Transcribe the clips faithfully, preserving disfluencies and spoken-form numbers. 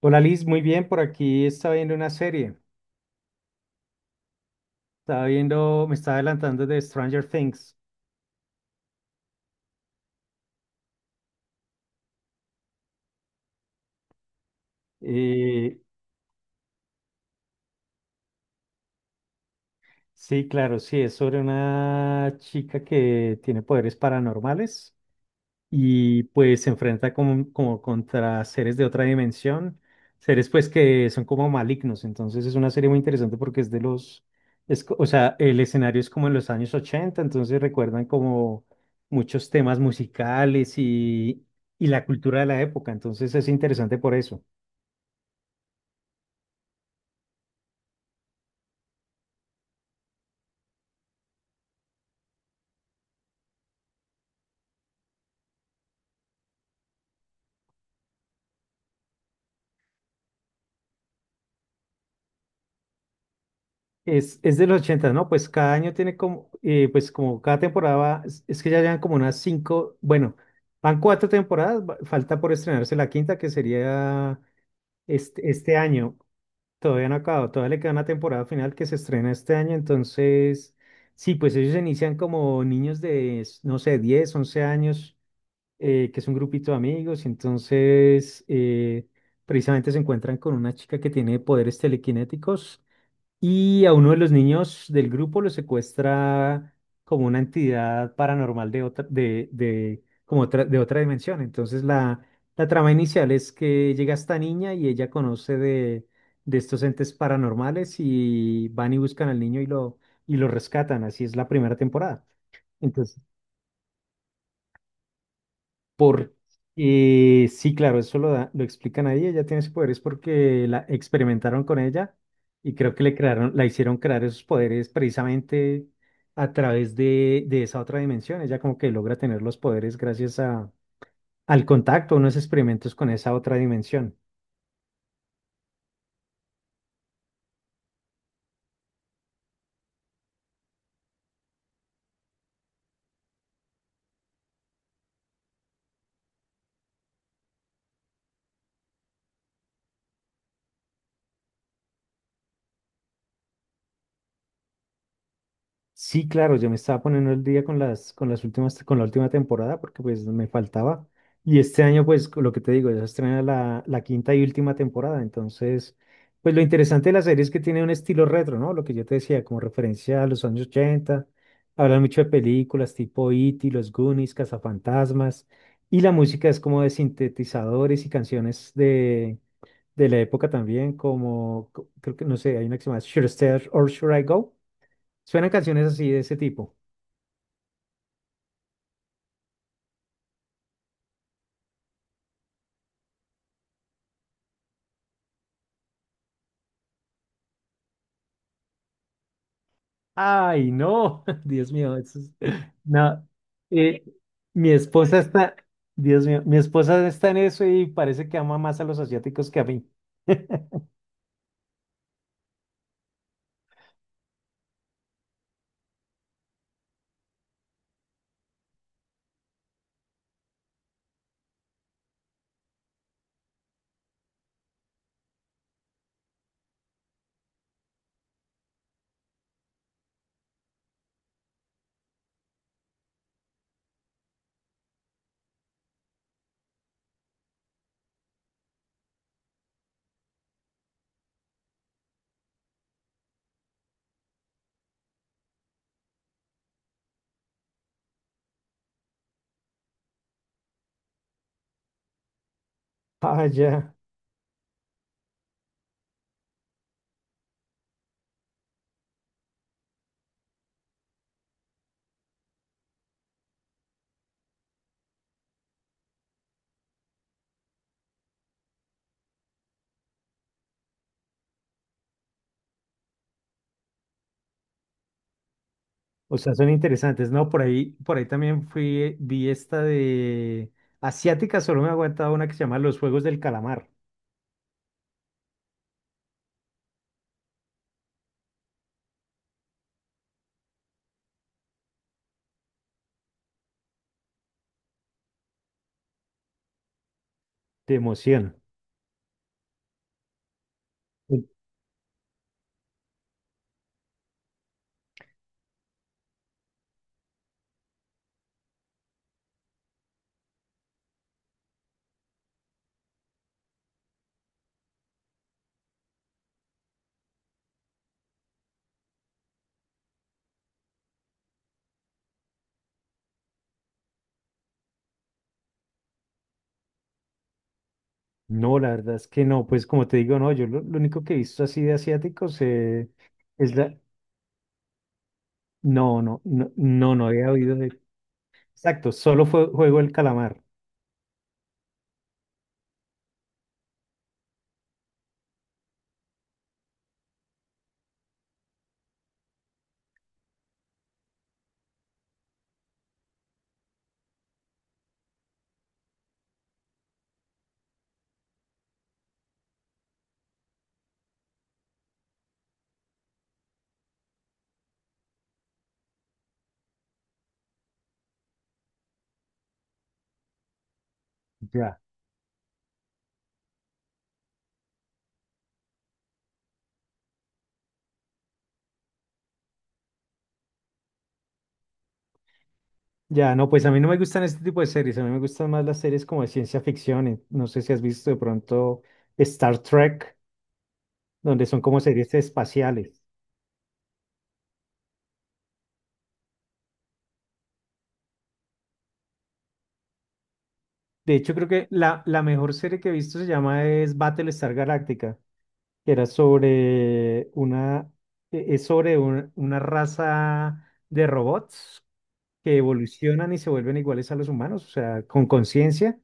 Hola Liz, muy bien, por aquí estaba viendo una serie, estaba viendo, me estaba adelantando de Stranger Things. Eh, sí, claro, sí, es sobre una chica que tiene poderes paranormales y pues se enfrenta como, como contra seres de otra dimensión, seres pues que son como malignos. Entonces es una serie muy interesante porque es de los, es, co- o sea, el escenario es como en los años ochenta, entonces recuerdan como muchos temas musicales y, y la cultura de la época, entonces es interesante por eso. Es, es de los ochenta, ¿no? Pues cada año tiene como, eh, pues como cada temporada, va- es, es que ya llevan como unas cinco, bueno, van cuatro temporadas, va- falta por estrenarse la quinta, que sería este, este año todavía no ha acabado. Todavía le queda una temporada final que se estrena este año. Entonces sí, pues ellos inician como niños de, s- no sé, diez, once años, eh, que es un grupito de amigos, y entonces eh, precisamente se encuentran con una chica que tiene poderes telequinéticos, y a uno de los niños del grupo lo secuestra como una entidad paranormal de otra, de, de, como otra, de otra dimensión. Entonces la, la trama inicial es que llega esta niña y ella conoce de, de estos entes paranormales, y van y buscan al niño y lo, y lo rescatan. Así es la primera temporada. Por, eh, sí, claro, eso lo da- lo explican ahí. Ella tiene ese poder es porque la experimentaron con ella, y creo que le crearon, la hicieron crear esos poderes precisamente a través de, de esa otra dimensión. Ella como que logra tener los poderes gracias a, al contacto, unos experimentos con esa otra dimensión. Sí, claro, yo me estaba poniendo el día con las, con las últimas, con la última temporada porque pues me faltaba. Y este año, pues co- lo que te digo, ya se estrena la, la quinta y última temporada. Entonces, pues lo interesante de la serie es que tiene un estilo retro, ¿no? Lo que yo te decía, como referencia a los años ochenta. Hablan mucho de películas tipo E T, Los Goonies, Cazafantasmas. Y la música es como de sintetizadores y canciones de, de la época también, como co- creo que, no sé, hay una que se llama Should I Stay or Should I Go? Suenan canciones así de ese tipo. Ay, no, Dios mío, eso es- no. Eh, Mi esposa está, Dios mío, mi esposa está en eso y parece que ama más a los asiáticos que a mí. Ah, ya. O sea, son interesantes, ¿no? Por ahí, por ahí también fui, vi esta de asiática. Solo me ha aguantado una que se llama Los Juegos del Calamar, de emoción. Uy, no, la verdad es que no, pues como te digo, no, yo lo, lo único que he visto así de asiáticos, eh, es la, No, no, no, no, no había oído de... Exacto, solo fue Juego del Calamar. Ya. Ya, no, pues a mí no me gustan este tipo de series, a mí me gustan más las series como de ciencia ficción. eh, No sé si has visto de pronto Star Trek, donde son como series espaciales. De hecho, creo que la, la mejor serie que he visto se llama es Battlestar Galactica, que era sobre una, e- es sobre un- una raza de robots que evolucionan y se vuelven iguales a los humanos, o sea, con conciencia,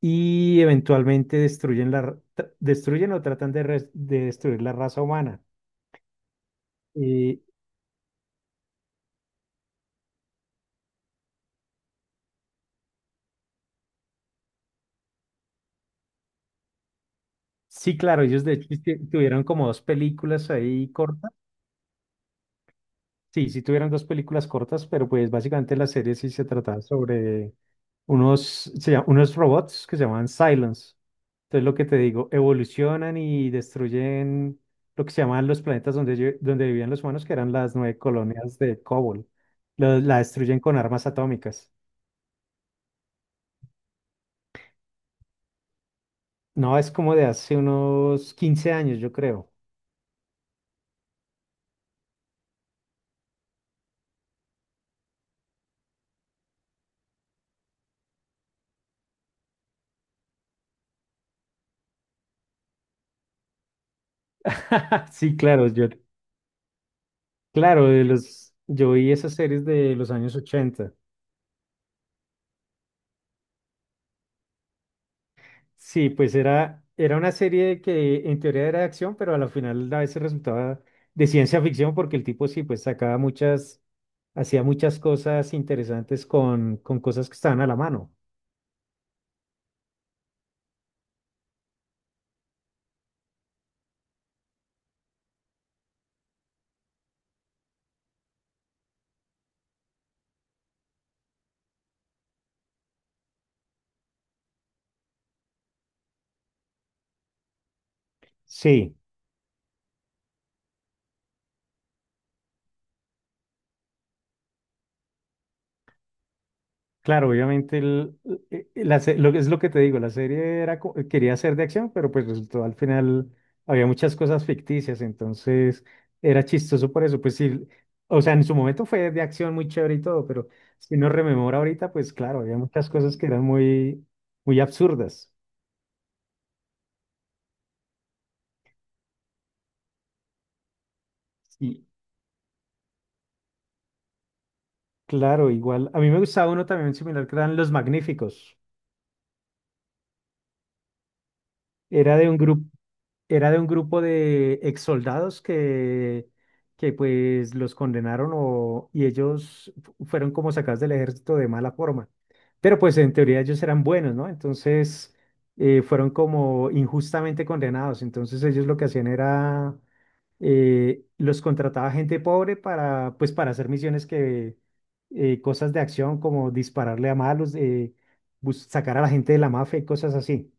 y eventualmente destruyen la, ra- tra- destruyen o tratan de, res- de destruir la raza humana. Eh, sí, claro, ellos de hecho hici- tuvieron como dos películas ahí cortas. Sí, sí tuvieron dos películas cortas, pero pues básicamente la serie sí se trataba sobre unos, se llama- unos robots que se llamaban Cylons. Entonces lo que te digo, evolucionan y destruyen lo que se llamaban los planetas donde, ello- donde vivían los humanos, que eran las nueve colonias de Cobol. Lo- la destruyen con armas atómicas. No, es como de hace unos quince años, yo creo. Sí, claro, yo. Claro, de los, yo vi esas series de los años ochenta. Sí, pues era, era una serie que en teoría era de acción, pero a la final a veces resultaba de ciencia ficción porque el tipo sí, pues sacaba muchas, hacía muchas cosas interesantes con, con cosas que estaban a la mano. Sí. Claro, obviamente el- eh, eh, la se- lo que es lo que te digo, la serie era, co- eh, quería ser de acción, pero pues resultó al final había muchas cosas ficticias, entonces era chistoso por eso. Pues sí, o sea, en su momento fue de acción muy chévere y todo, pero si uno rememora ahorita, pues claro, había muchas cosas que eran muy, muy absurdas. Y claro, igual, a mí me gustaba uno también similar que eran Los Magníficos, era de un grupo. Era de un grupo de ex soldados que, que pues los condenaron o, y ellos fu- fueron como sacados del ejército de mala forma. Pero pues en teoría ellos eran buenos, ¿no? Entonces eh, fueron como injustamente condenados. Entonces ellos lo que hacían era, eh, los contrataba gente pobre para, pues para hacer misiones que, eh, cosas de acción como dispararle a malos, eh, bus- sacar a la gente de la mafia y cosas así.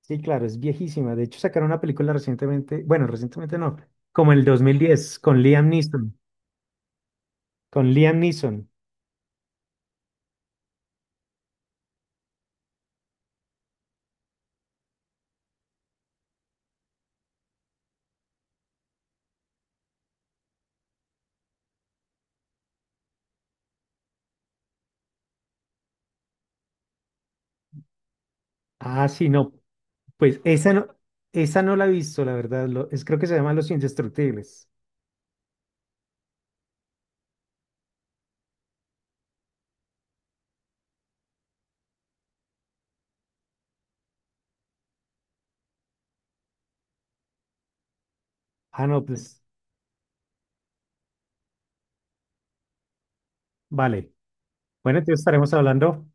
Sí, claro, es viejísima. De hecho, sacaron una película recientemente, bueno, recientemente no, como el dos mil diez, con Liam Neeson. Con Liam Neeson. Ah, sí, no. Pues esa no, esa no la he visto, la verdad. Lo- es, creo que se llama Los Indestructibles. Ah, no, pues vale. Bueno, entonces estaremos hablando.